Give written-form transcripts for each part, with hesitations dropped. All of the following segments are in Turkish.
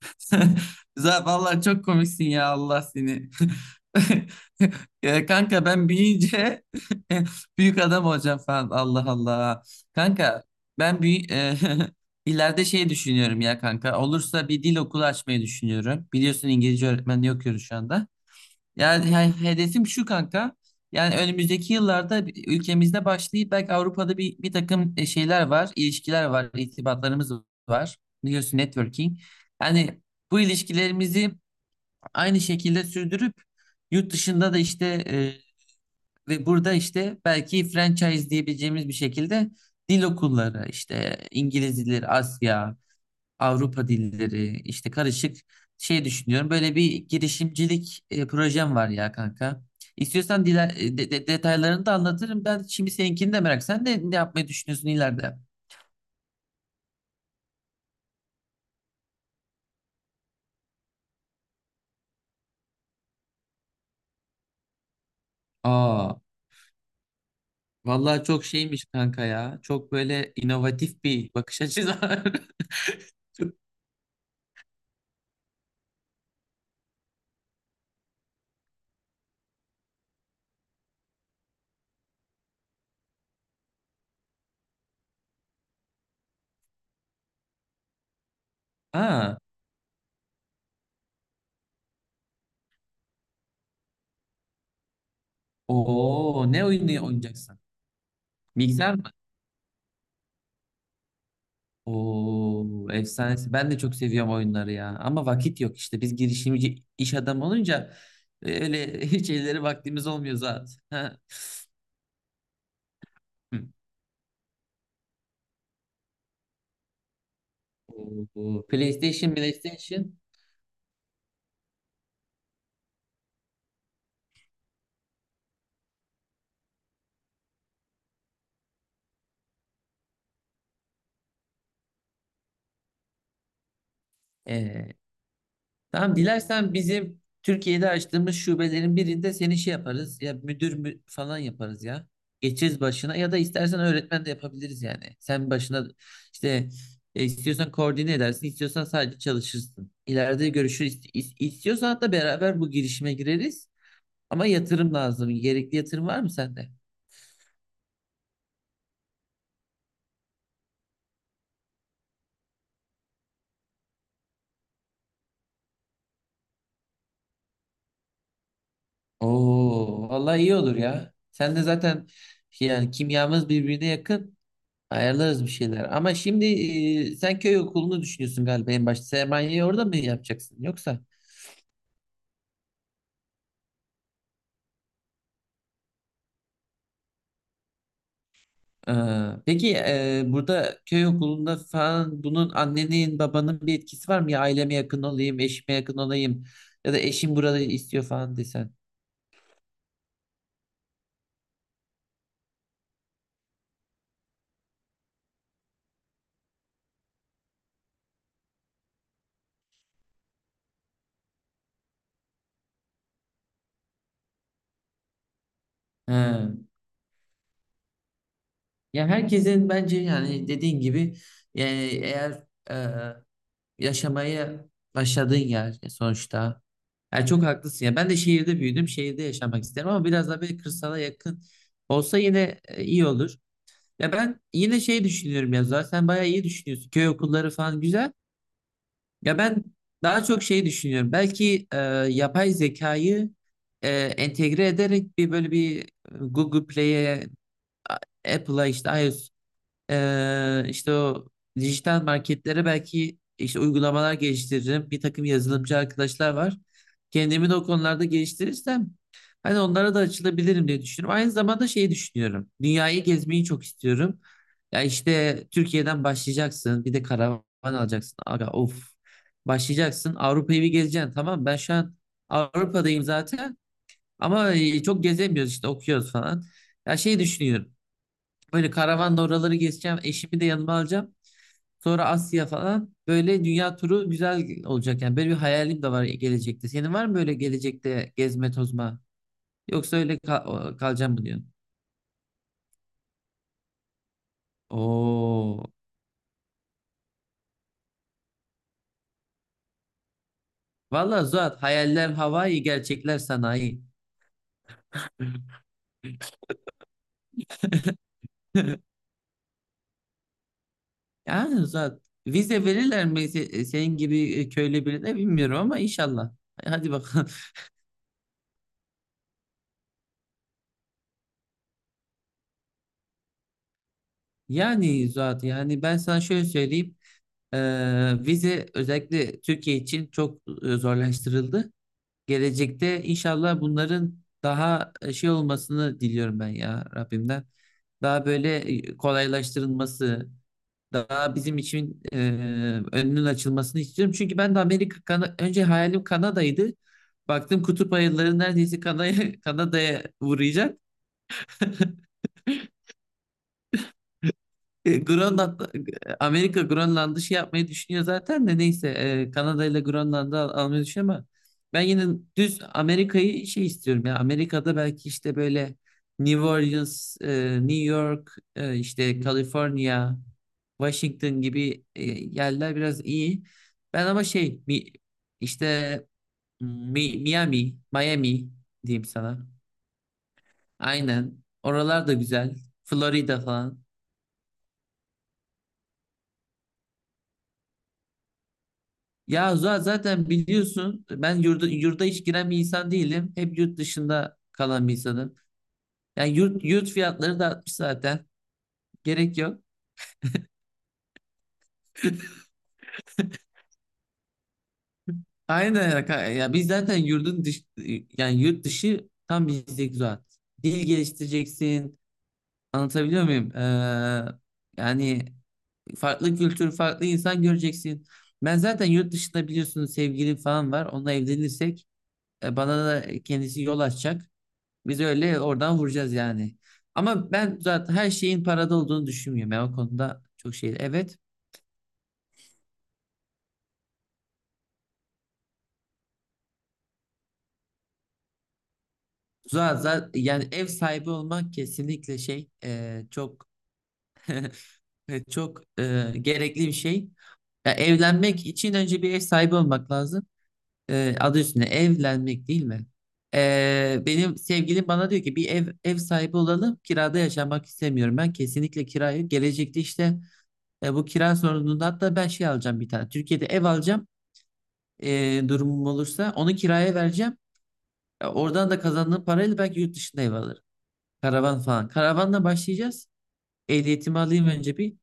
Vallahi çok komiksin ya Allah seni. Ya kanka, ben büyüyünce büyük adam olacağım falan. Allah Allah. Kanka, ben büyü ileride şey düşünüyorum ya kanka. Olursa bir dil okulu açmayı düşünüyorum. Biliyorsun, İngilizce öğretmenliği okuyoruz şu anda. Yani hedefim şu kanka. Yani önümüzdeki yıllarda ülkemizde başlayıp belki Avrupa'da bir takım şeyler var, ilişkiler var, irtibatlarımız var. Biliyorsun, networking. Yani bu ilişkilerimizi aynı şekilde sürdürüp yurt dışında da işte ve burada işte belki franchise diyebileceğimiz bir şekilde dil okulları, işte İngiliz dilleri, Asya, Avrupa dilleri, işte karışık şey düşünüyorum. Böyle bir girişimcilik projem var ya kanka. İstiyorsan diler, detaylarını da anlatırım. Ben şimdi seninkini de merak. Sen de ne yapmayı düşünüyorsun ileride? Aa, vallahi çok şeymiş kanka ya. Çok böyle inovatif bir bakış açısı var. Aa, oo, ne oyunu oynayacaksın? Bilgisayar mı? Oo, efsanesi. Ben de çok seviyorum oyunları ya. Ama vakit yok işte. Biz girişimci iş adamı olunca öyle hiç elleri vaktimiz olmuyor zaten. Ha. Hı. Oo, PlayStation, PlayStation. Ee, Tamam, dilersen bizim Türkiye'de açtığımız şubelerin birinde seni şey yaparız ya, müdür mü falan yaparız ya. Geçeriz başına ya da istersen öğretmen de yapabiliriz yani. Sen başına işte istiyorsan koordine edersin, istiyorsan sadece çalışırsın. İleride görüşürüz. İstiyorsan hatta beraber bu girişime gireriz. Ama yatırım lazım. Gerekli yatırım var mı sende? Oo, vallahi iyi olur ya. Sen de zaten yani kimyamız birbirine yakın. Ayarlarız bir şeyler. Ama şimdi sen köy okulunu düşünüyorsun galiba en başta. Sermayeyi orada mı yapacaksın yoksa? Ee, peki burada köy okulunda falan bunun annenin babanın bir etkisi var mı? Ya aileme yakın olayım, eşime yakın olayım ya da eşim burada istiyor falan desen. Ha. Ya herkesin bence yani dediğin gibi yani eğer yaşamaya başladığın yer sonuçta. Yani çok haklısın ya. Ben de şehirde büyüdüm. Şehirde yaşamak isterim ama biraz daha böyle kırsala yakın olsa yine iyi olur. Ya ben yine şey düşünüyorum ya, zaten sen bayağı iyi düşünüyorsun. Köy okulları falan güzel. Ya ben daha çok şey düşünüyorum. Belki yapay zekayı entegre ederek bir böyle bir Google Play'e, Apple'a, işte iOS, işte o dijital marketlere belki işte uygulamalar geliştiririm. Bir takım yazılımcı arkadaşlar var. Kendimi de o konularda geliştirirsem hani onlara da açılabilirim diye düşünüyorum. Aynı zamanda şeyi düşünüyorum. Dünyayı gezmeyi çok istiyorum. Ya işte Türkiye'den başlayacaksın. Bir de karavan alacaksın. Aga of. Başlayacaksın. Avrupa'yı bir gezeceksin. Tamam, ben şu an Avrupa'dayım zaten. Ama çok gezemiyoruz işte, okuyoruz falan. Ya şey düşünüyorum. Böyle karavanla oraları gezeceğim. Eşimi de yanıma alacağım. Sonra Asya falan. Böyle dünya turu güzel olacak yani. Böyle bir hayalim de var gelecekte. Senin var mı böyle gelecekte gezme tozma? Yoksa öyle kalacağım mı diyorsun? Oo. Vallahi Zuhat, hayaller Hawaii, gerçekler sanayi. Yani Zuhat, vize verirler mi senin gibi köylü birine bilmiyorum ama inşallah. Hadi bakalım. Yani zaten yani ben sana şöyle söyleyeyim. Vize özellikle Türkiye için çok zorlaştırıldı. Gelecekte inşallah bunların daha şey olmasını diliyorum ben ya Rabbimden. Daha böyle kolaylaştırılması, daha bizim için önünün açılmasını istiyorum. Çünkü ben de Amerika, önce hayalim Kanada'ydı. Baktım, kutup ayıları neredeyse Kanada'ya Kanada'ya uğrayacak. E, Grönland, Amerika Grönland'ı şey yapmayı düşünüyor zaten de neyse Kanada ile Grönland'ı almayı düşünüyor ama ben yine düz Amerika'yı şey istiyorum ya, Amerika'da belki işte böyle New Orleans, New York, işte California, Washington gibi yerler biraz iyi. Ben ama şey mi, işte Miami, Miami diyeyim sana. Aynen. Oralar da güzel. Florida falan. Ya zaten biliyorsun, ben yurda hiç giren bir insan değilim. Hep yurt dışında kalan bir insanım. Yani yurt fiyatları da artmış zaten. Gerek yok. Aynen ya. Ya biz zaten yani yurt dışı tam bizdeki zaten. Dil geliştireceksin. Anlatabiliyor muyum? Yani farklı kültür, farklı insan göreceksin. Ben zaten yurt dışında biliyorsunuz sevgilim falan var. Onunla evlenirsek bana da kendisi yol açacak. Biz öyle oradan vuracağız yani. Ama ben zaten her şeyin parada olduğunu düşünmüyorum. Ben o konuda çok şey. Evet. Zaten yani ev sahibi olmak kesinlikle şey çok evet, çok gerekli bir şey. Ya evlenmek için önce bir ev sahibi olmak lazım. E, adı üstünde evlenmek değil mi? E, benim sevgilim bana diyor ki bir ev sahibi olalım. Kirada yaşamak istemiyorum. Ben kesinlikle kirayı gelecekte işte bu kira sorununda hatta ben şey alacağım bir tane. Türkiye'de ev alacağım. E, durumum olursa onu kiraya vereceğim. E, oradan da kazandığım parayla belki yurt dışında ev alırım. Karavan falan. Karavanla başlayacağız. Ehliyetimi alayım önce bir.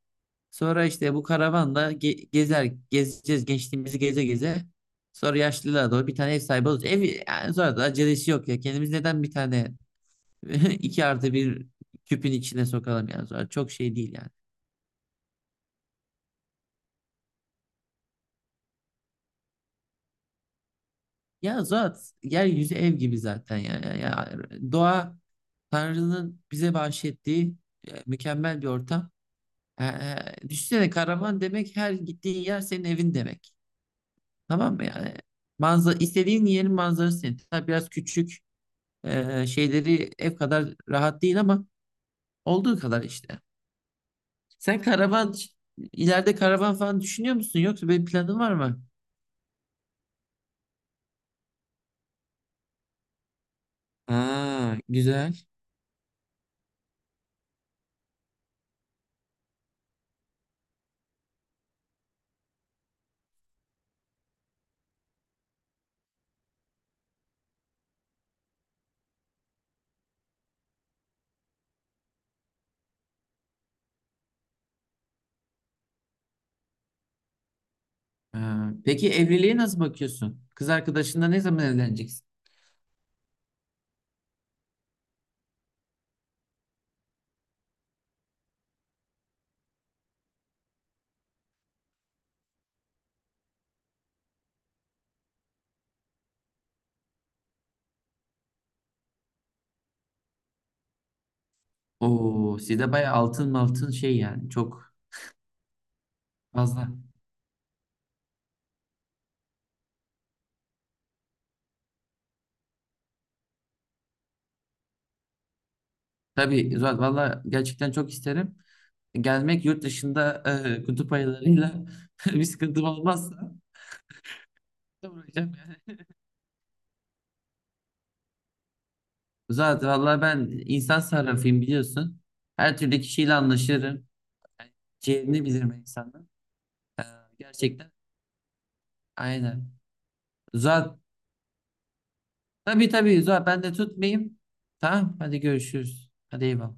Sonra işte bu karavanla ge- gezer gezeceğiz gençliğimizi geze geze. Sonra yaşlılığa doğru bir tane ev sahibi olacağız. Ev yani sonra da acelesi yok ya. Kendimiz neden bir tane iki artı bir küpün içine sokalım, yani sonra çok şey değil yani. Ya zat yeryüzü ev gibi zaten yani. Ya, doğa Tanrı'nın bize bahşettiği mükemmel bir ortam. Düşünsene, karavan demek her gittiğin yer senin evin demek. Tamam mı yani? Manzara, istediğin yerin manzarası senin. Tabii biraz küçük şeyleri ev kadar rahat değil ama olduğu kadar işte. Sen karavan ileride karavan falan düşünüyor musun? Yoksa böyle planın var mı? Aa, güzel. Ee, peki evliliğe nasıl bakıyorsun? Kız arkadaşınla ne zaman evleneceksin? Oo, sizde bayağı altın altın şey yani çok fazla. Tabii Zuhal, valla gerçekten çok isterim. Gelmek yurt dışında kutup ayılarıyla bir sıkıntım olmazsa uğrayacağım yani. Zuhal, valla ben insan sarrafıyım, biliyorsun. Her türlü kişiyle anlaşırım. Yani ciğerini bilirim insanın. Ee, gerçekten aynen. Zuhal, tabii tabii Zuhal, ben de tutmayayım. Tamam, hadi görüşürüz. Hadi eyvallah.